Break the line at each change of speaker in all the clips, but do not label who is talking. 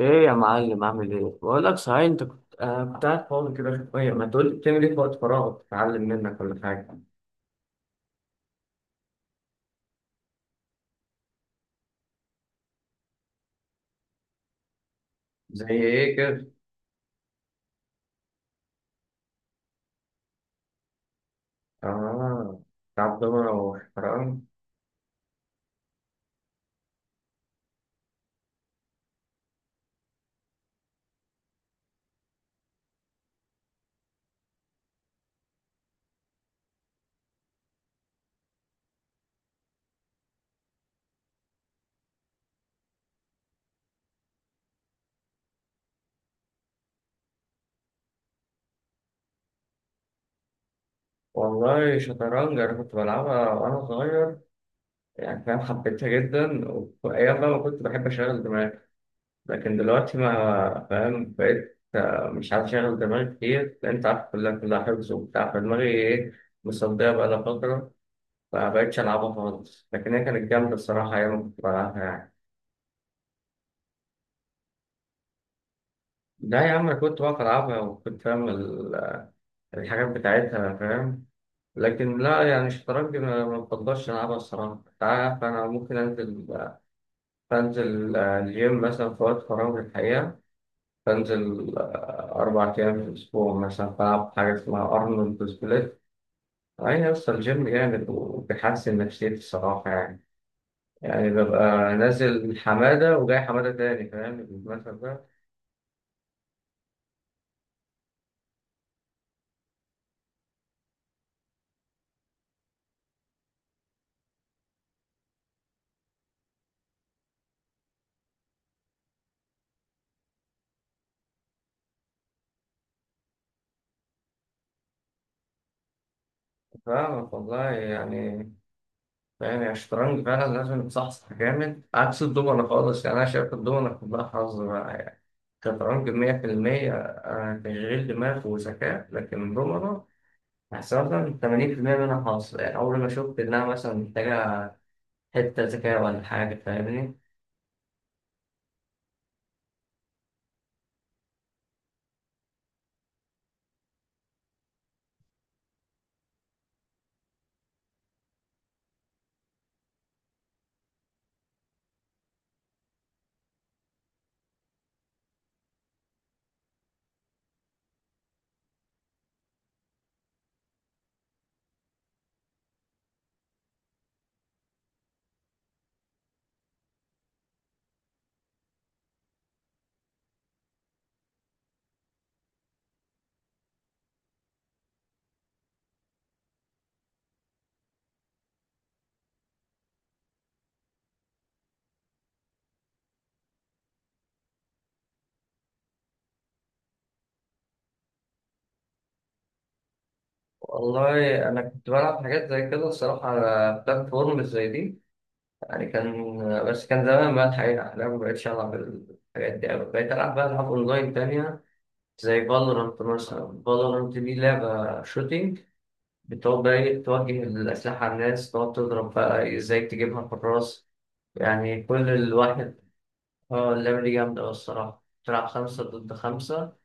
ايه يا معلم، عامل ايه؟ بقول لك، صحيح، انت كنت قاعد فاضي كده شويه، ما تقول لي بتعمل ايه في وقت فراغك؟ اتعلم منك ولا حاجه؟ زي ايه كده؟ اه، بتلعب دومنة وشطرنج؟ والله شطرنج انا كنت بلعبها وانا صغير يعني، فاهم؟ حبيتها جدا، وايام بقى ما كنت بحب اشغل دماغي. لكن دلوقتي ما فاهم بقيت مش عارف اشغل دماغي كتير، لأن انت عارف كلها حفظ وبتاع، فدماغي ايه، مصدية بقى لها فترة. ما بقتش ألعبها خالص، لكن هي كانت جامدة الصراحة أيام ما كنت بلعبها يعني. لا يا عم، أنا كنت بقف ألعبها وكنت فاهم الحاجات بتاعتها فاهم. لكن لا يعني الشطرنج ما بفضلش ألعبها الصراحة. أنت عارف أنا ممكن أنزل، بنزل الجيم مثلا في وقت فراغي الحقيقة. بنزل 4 أيام في الأسبوع مثلا بلعب حاجة اسمها أرنولد سبليت. أي أصل الجيم جامد وبيحسن نفسيتي الصراحة يعني. يعني ببقى نازل حمادة وجاي حمادة تاني، فاهم المثل ده؟ فاهمك والله يعني. يعني الشطرنج فعلا لازم يتصحصح جامد، عكس الدومنة خالص يعني. أنا شايف الدومنة كلها حظ بقى يعني. الشطرنج 100% تشغيل دماغ وذكاء، لكن الدومنة أحسن مثلا 80% منها حظ يعني. أول ما شفت إنها مثلا محتاجة حتة ذكاء ولا حاجة، فاهمني؟ والله أنا كنت بلعب حاجات زي كده الصراحة على بلاتفورم زي دي يعني، كان، بس كان زمان بقى الحقيقة. أنا مبقتش ألعب الحاجات دي أوي، بقيت ألعب بقى ألعاب أونلاين تانية زي فالورانت مثلا. فالورانت دي لعبة شوتينج، بتقعد بقى إيه توجه الأسلحة على الناس، تقعد تضرب بقى إزاي تجيبها في الراس. يعني كل الواحد. اه، اللعبة دي جامدة أوي الصراحة. تلعب خمسة ضد خمسة،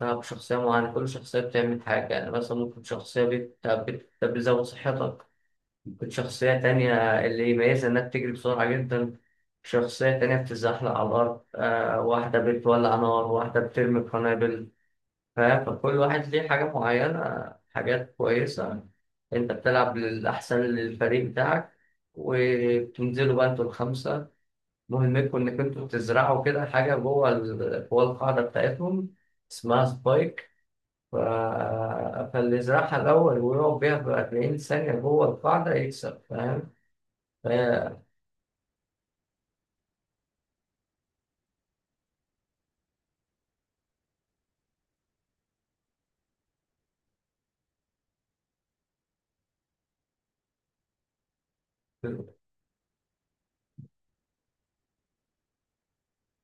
تلعب شخصية معينة، كل شخصية بتعمل حاجة. يعني مثلا ممكن شخصية بتزود صحتك، ممكن شخصية تانية اللي يميزها إنها بتجري بسرعة جدا، شخصية تانية بتتزحلق على الأرض، واحدة بتولع نار، واحدة بترمي قنابل. ف- فكل واحد ليه حاجة معينة، حاجات كويسة. أنت بتلعب للأحسن للفريق بتاعك، وبتنزلوا بقى أنتوا الخمسة، مهمتكم إنك أنتوا بتزرعوا كده حاجة جوه جوه القاعدة بتاعتهم، اسمها سبايك. ف... فاللي يزرعها الأول ويقعد بيها في 40 ثانية جوه القاعدة يكسب، فاهم؟ ف...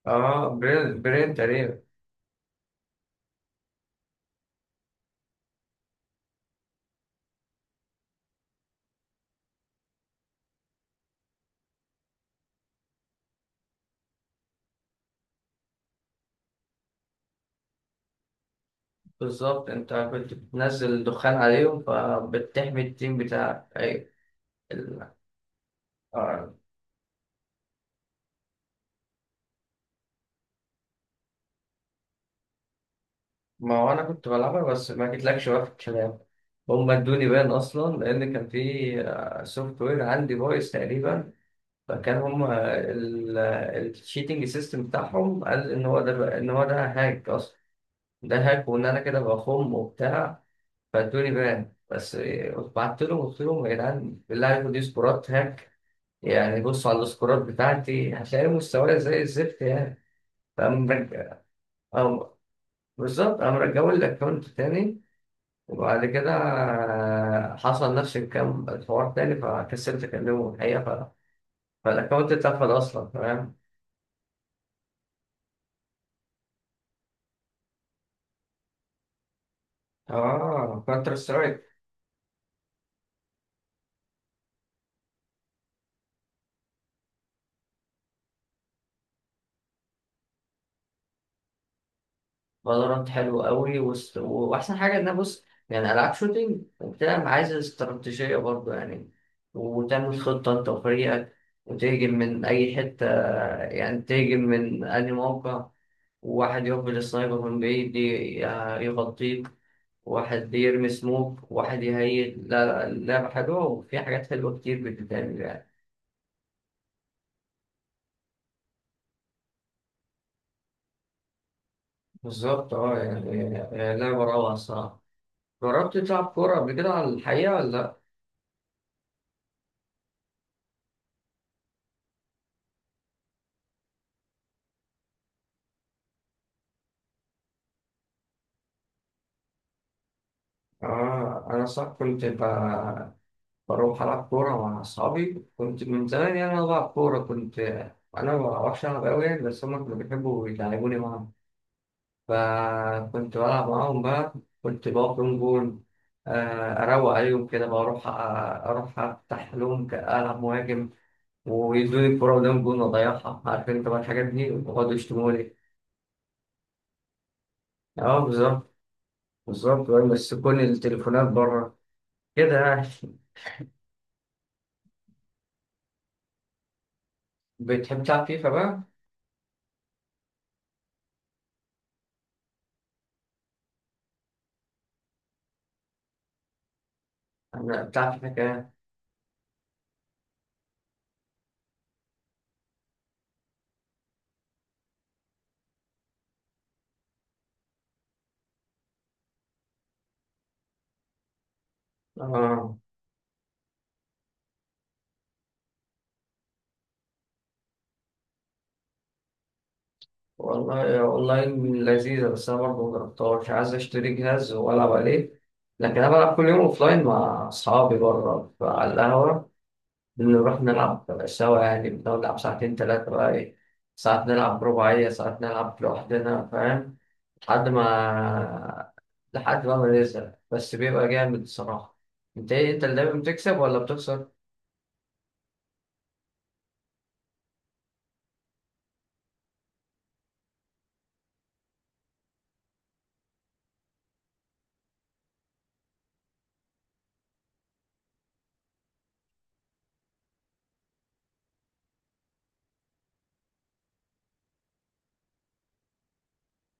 اه، برين تقريبا. بالظبط، انت كنت بتنزل دخان عليهم، فبتحمي التيم بتاعك، ايوه. ال- ما هو انا كنت بلعبها، بس ما جيتلكش بقى في الكلام. هم ادوني بان اصلا، لان كان في سوفت وير عندي فويس تقريبا، فكان هم الشيتنج سيستم بتاعهم قال ان هو ده ان هو ده هاك اصلا. ده هاك، وان انا كده بخم وبتاع، فادوني بان بس. بعت لهم، قلت لهم يا جدعان بالله عليكم دي سكورات هاك يعني، بصوا على السكورات بتاعتي هتلاقي مستواي زي الزفت يعني. فقام رج- أو- بالظبط، قام رجعوا لي الاكونت تاني. وبعد كده حصل نفس الكلام الحوار تاني، فكسلت أكلمه الحقيقة فالأكونت اتقفل أصلا، فاهم؟ اه، كونتر سترايك. فالورانت حلو قوي، وأحسن حاجة إن أنا بص، يعني ألعاب شوتينج وبتلعب عايزة استراتيجية برضه يعني. وتعمل خطة أنت وفريقك، وتهجم من أي حتة، يعني تهجم من أي موقع، وواحد يقبل السنايبر من بعيد يغطيك، واحد يرمي سموك، واحد يهيل. لا لا، اللعبة حلوة وفي حاجات حلوة كتير بتتعمل يعني. بالظبط اه يعني لعبة روعة الصراحة. جربت تلعب كورة قبل كده على الحقيقة ولا لأ؟ آه أنا صح، بروح ألعب كورة مع أصحابي كنت من زمان. يعني أنا بلعب كورة كنت، أنا ما بعرفش ألعب أوي يعني، بس هما كانوا بيحبوا يلعبوني معاهم. فكنت بلعب معاهم بقى، كنت بقف لون جول، أروق عليهم كده، بقى أروح، ألعب مهاجم، ويدوني الكورة قدام الجون وأضيعها، عارف أنت بقى الحاجات دي، ويقعدوا يشتموني. أه بالظبط. بالظبط بقى، يمسكوني التليفونات بره كده يعني. بتحب تلعب فيفا بقى؟ أنا بتلعب فيفا كده، أه. والله يا اونلاين لذيذة، بس انا برضه مجربتهاش، عايز اشتري جهاز والعب عليه. لكن انا بلعب كل يوم اوفلاين مع اصحابي بره على القهوة. بنروح نلعب سوا يعني، بنقعد نلعب ساعتين تلاتة بقى ايه، ساعات نلعب رباعية، ساعات نلعب لوحدنا فاهم. لحد ما لحد بقى ما نزهق، بس بيبقى جامد الصراحة. انت ايه، انت اللي دايما بتكسب ولا بتخسر؟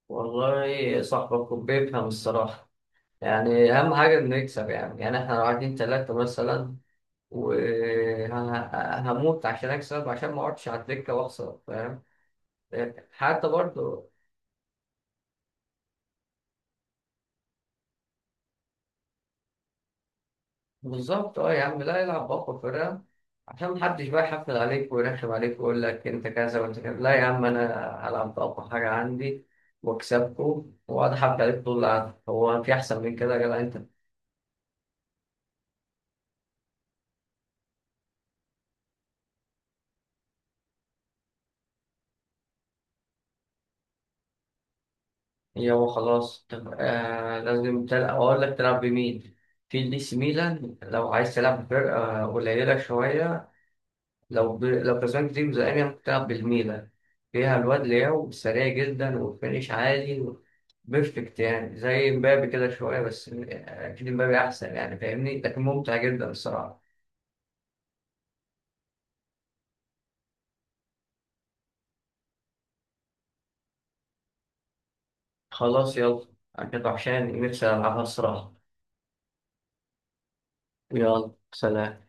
والله صاحبك بيفهم الصراحة يعني. أهم حاجة إنه يكسب يعني. يعني إحنا لو قاعدين تلاتة مثلا، وهموت عشان اكسب، عشان ما اقعدش على الدكه واخسر، فاهم؟ حتى برضه. بالظبط اه يا عم، لا العب باقوى فرقه، عشان محدش بقى يحفل عليك ويرخم عليك ويقول لك انت كذا وانت كذا. لا يا عم، انا هلعب باقوى حاجه عندي واكسبكم، واقعد احفل عليك طول القعده. هو في احسن من كده يا جدع انت؟ يابا خلاص، طب لازم تلعب، اقول لك تلعب بمين. في الدي سي ميلان لو عايز تلعب بفرقه قليله شويه. لو كسبان كتير زي، ممكن تلعب بالميلان، فيها الواد لياو سريع جدا والفينش عالي، بيرفكت يعني، زي مبابي كده شوية، بس أكيد مبابي أحسن يعني فاهمني، لكن ممتع جدا الصراحة. خلاص يلا، أنا كنت وحشاني نفسي ألعبها الصراحة. يلا، سلام.